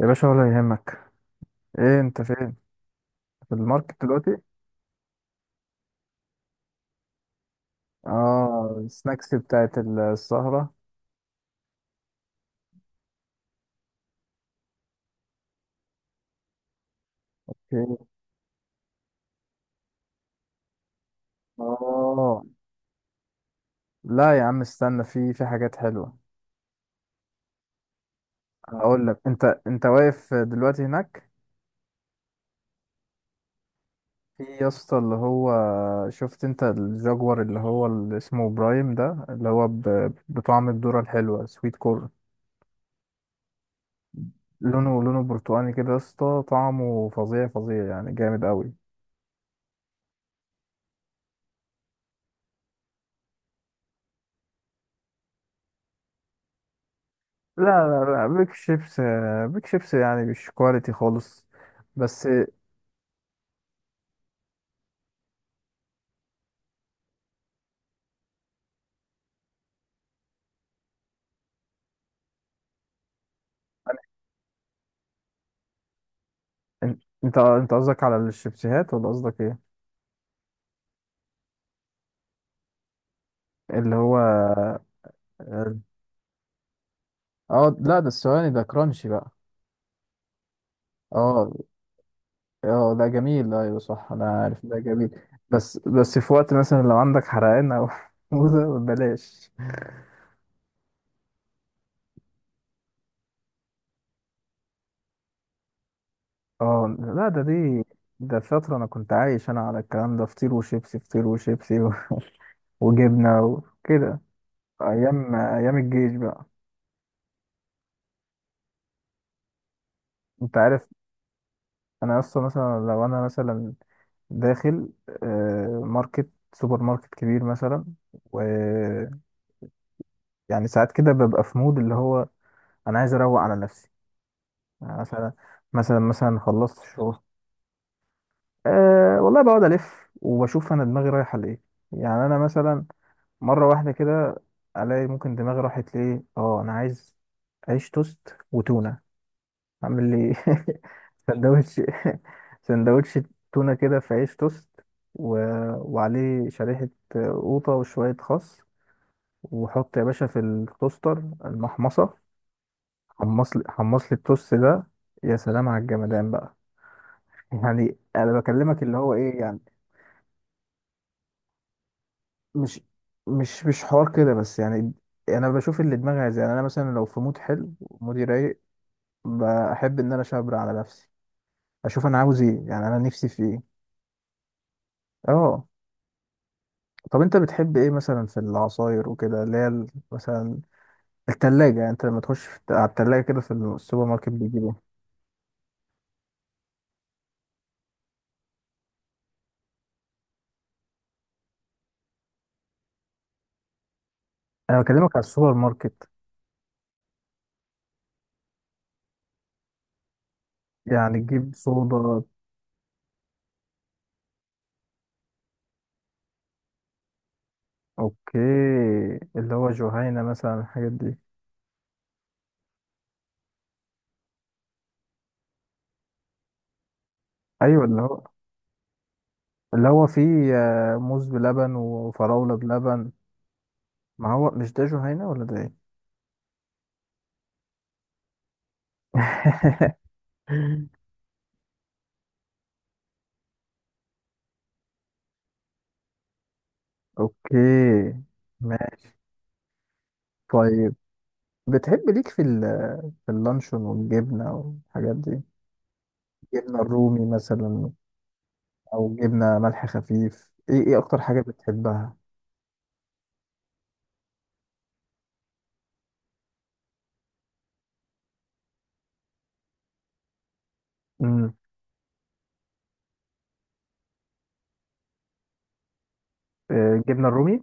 يا باشا ولا يهمك. ايه انت فين؟ في الماركت دلوقتي؟ اه السناكس بتاعت السهرة. في- اه لا يا عم استنى، في حاجات حلوة. اقول لك، انت واقف دلوقتي هناك؟ في يا اسطى اللي هو، شفت انت الجاكور اللي هو اللي اسمه برايم ده، اللي هو بطعم الذرة الحلوة سويت كورن. لونه لونه برتقاني كده يا اسطى، طعمه فظيع فظيع يعني جامد قوي. لا لا لا، بيك شيبس. بيك شيبس يعني مش كواليتي خالص. بس إن- انت قصدك على الشيبسيهات ولا قصدك ايه؟ اللي هو اه. آه، لا ده الثواني ده كرانشي بقى. اه اه، ده جميل، ايوه صح انا عارف ده جميل. بس بس في وقت مثلا لو عندك حرقان او حموضة بلاش. اه لا ده دي، ده فترة انا كنت عايش انا على الكلام ده، فطير وشيبسي، فطير وشيبسي وجبنة وكده. ايام ايام الجيش بقى. انت عارف، انا اصلا مثلا لو انا مثلا داخل ماركت، سوبر ماركت كبير مثلا، ويعني ساعات كده ببقى في مود اللي هو، انا عايز اروق على نفسي. يعني مثلا، مثلا خلصت الشغل. أه والله بقعد الف وبشوف انا دماغي رايحه لايه. يعني انا مثلا مره واحده كده الاقي ممكن دماغي راحت لايه، اه انا عايز عيش توست وتونه. عامل لي سندوتش، سندوتش تونة كده في عيش توست، و... وعليه شريحة قوطة وشوية خس، وحط يا باشا في التوستر المحمصة، حمص لي حمص لي التوست ده. يا سلام على الجمدان بقى. يعني انا بكلمك اللي هو ايه يعني. مش مش حوار كده بس يعني انا بشوف اللي دماغي عايزاه. يعني انا مثلا لو في مود حلو ومودي رايق، بحب ان اشبر على نفسي، اشوف انا عاوز ايه، يعني انا نفسي في ايه. اه طب انت بتحب ايه مثلا في العصاير وكده، اللي هي مثلا التلاجة. يعني انت لما تخش في على التلاجة كده في السوبر ماركت بتجيب ايه؟ انا بكلمك على السوبر ماركت. يعني تجيب صودا؟ اوكي. اللي هو جهينة مثلا الحاجات دي. ايوه اللي هو، اللي هو فيه موز بلبن وفراولة بلبن. ما هو مش ده جهينة ولا ده ايه؟ اوكي ماشي. طيب بتحب ليك في في اللانشون والجبنة والحاجات دي؟ جبنة رومي مثلا، أو جبنة ملح خفيف؟ إيه إيه أكتر حاجة بتحبها؟ امم. آه، الجبنة الرومي.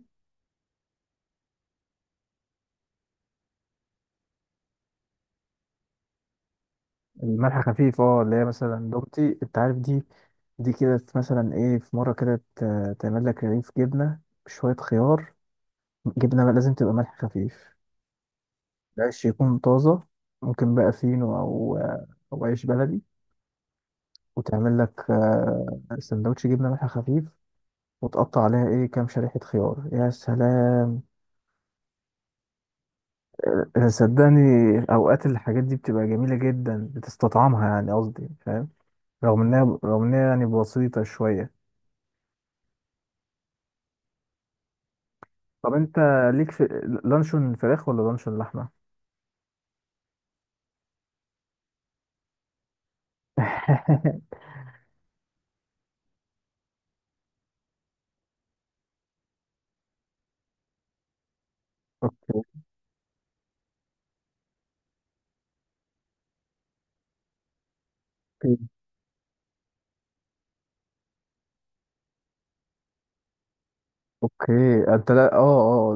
الملح خفيف اه، اللي هي مثلا دومتي أنت عارف دي. دي كده مثلا إيه، في مرة كده تعمل لك رغيف جبنة بشوية خيار، جبنة بقى لازم تبقى ملح خفيف، العيش يكون طازة. ممكن بقى فينو أو أو عيش بلدي، وتعمل لك سندوتش جبنة ملح خفيف، وتقطع عليها إيه كام شريحة خيار. يا سلام. آه، آه، صدقني اوقات الحاجات دي بتبقى جميله جدا، بتستطعمها يعني قصدي فاهم. رغم انها رغم انها يعني بسيطه شويه. طب انت ليك في لانشون فراخ ولا لانشون لحمه؟ اوكي اوكي اوكي. انت لا اه.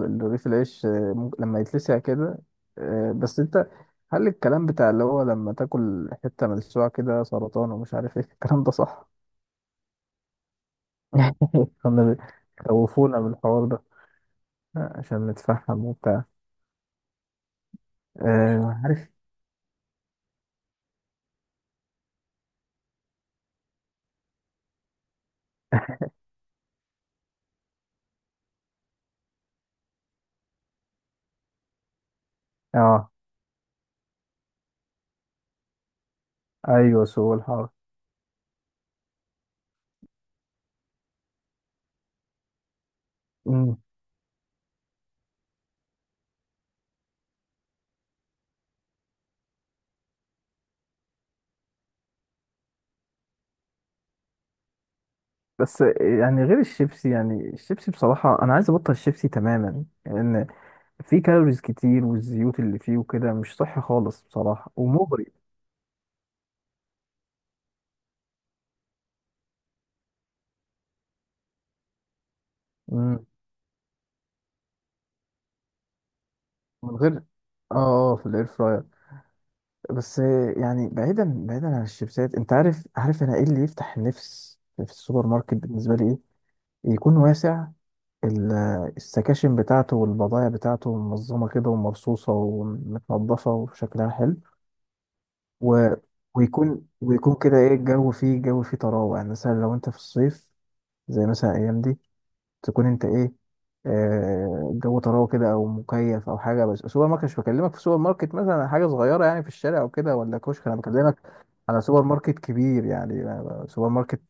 اه رغيف العيش ممكن لما يتلسع كده. بس انت، هل الكلام بتاع اللي هو لما تاكل حته ملسوعه كده سرطان ومش عارف ايه الكلام ده صح؟ كانوا بيخوفونا بالحوار ده عشان نتفهم وبتاع. عارف. اه ايوه سوق الحار. امم. بس يعني غير الشيبسي يعني الشيبسي بصراحة أنا عايز أبطل الشيبسي تماما لأن فيه كالوريز كتير والزيوت اللي فيه وكده مش صحي خالص بصراحة ومغري امم من غير اه اه في الاير فراير بس يعني بعيدا بعيدا عن الشيبسات، انت عارف، عارف انا ايه اللي يفتح النفس في السوبر ماركت بالنسبه لي ايه؟ يكون واسع، السكاشن بتاعته والبضائع بتاعته منظمه كده ومرصوصه ومتنضفه وشكلها حلو و... ويكون ويكون كده ايه، الجو فيه، الجو فيه طراوة. يعني مثلا لو انت في الصيف، زي مثلا الايام دي، تكون انت ايه، آه الجو طراوة كده او مكيف او حاجة. بس سوبر ماركت، مش بكلمك في سوبر ماركت مثلا حاجة صغيرة يعني في الشارع او كده ولا كشك، انا بكلمك على سوبر ماركت كبير، يعني سوبر ماركت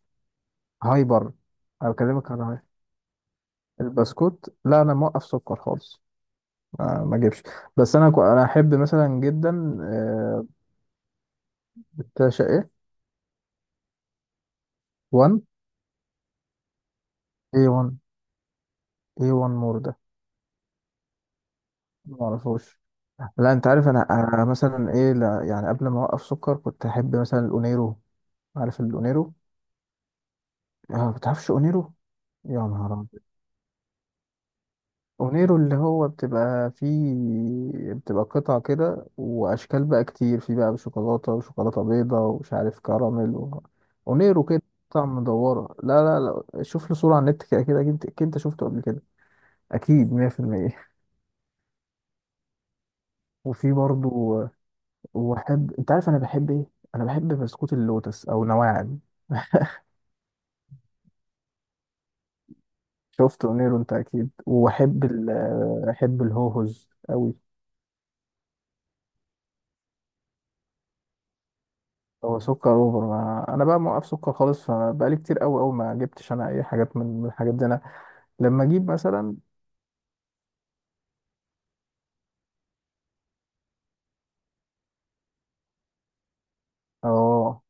هايبر. انا بكلمك على البسكوت. لا انا موقف سكر خالص، ما اجيبش. بس انا انا احب مثلا جدا آه بتاع شقة 1 A1 A1 مور. ما اعرفوش. لا انت عارف انا، أنا مثلا ايه، لا يعني قبل ما اوقف سكر كنت احب مثلا الاونيرو. عارف الاونيرو؟ اه ما بتعرفش اونيرو. يا نهار ابيض. اونيرو اللي هو بتبقى فيه، بتبقى قطع كده واشكال بقى كتير، في بقى شوكولاته وشوكولاته بيضه ومش عارف كراميل و... اونيرو كده قطع مدوره. لا لا، لا شوف له صوره على النت كده كده، اكيد أكيد انت شفته قبل كده، اكيد 100%. وفي برضه، واحب، انت عارف انا بحب ايه؟ انا بحب بسكوت اللوتس او نواعم. شفته نيرو انت اكيد. واحب ال... احب الهوهوز قوي. هو سكر اوفر، ما... انا بقى موقف سكر خالص، فبقالي كتير قوي قوي ما جبتش انا اي حاجات من الحاجات دي. انا لما اجيب مثلا، اه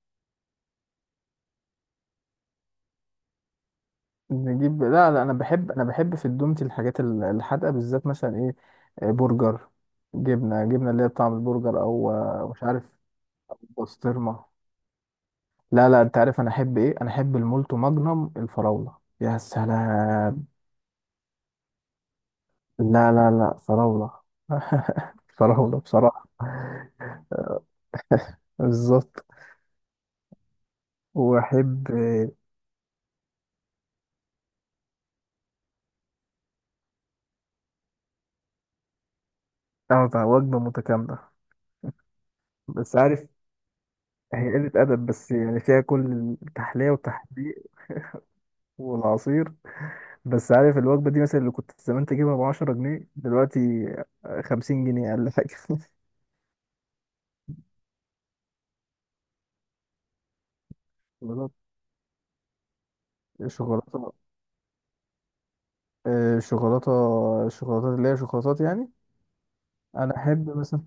نجيب. لا لا انا بحب، انا بحب في الدومتي الحاجات الحادقه بالذات، مثلا ايه، آه، برجر، جبنه، جبنه اللي هي بطعم البرجر، او مش عارف بسطرمه. لا لا، انت عارف انا احب ايه؟ انا احب المولتو ماجنوم الفراولة. يا سلام. لا لا لا فراولة. فراولة بصراحة. بالظبط. واحب اه بقى وجبة متكاملة. بس عارف، هي قلة أدب بس يعني فيها كل التحلية والتحديق والعصير. بس عارف الوجبة دي مثلا اللي كنت زمان تجيبها ب10 جنيه دلوقتي 50 جنيه أقل حاجة. شوكولاتة، شوكولاتة، آه، شوكولاتة، شوكولاتات اللي هي شوكولاتات يعني. أنا أحب مثلا،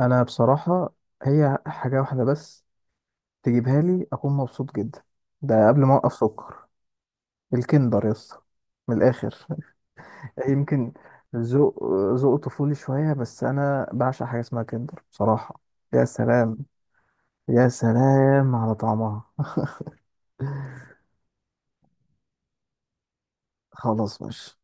انا بصراحه هي حاجه واحده بس تجيبها لي اكون مبسوط جدا، ده قبل ما اوقف سكر، الكندر يا اسطى من الاخر. يمكن ذوق، ذوق طفولي شويه، بس انا بعشق حاجه اسمها كندر بصراحه. يا سلام، يا سلام على طعمها. خلاص ماشي.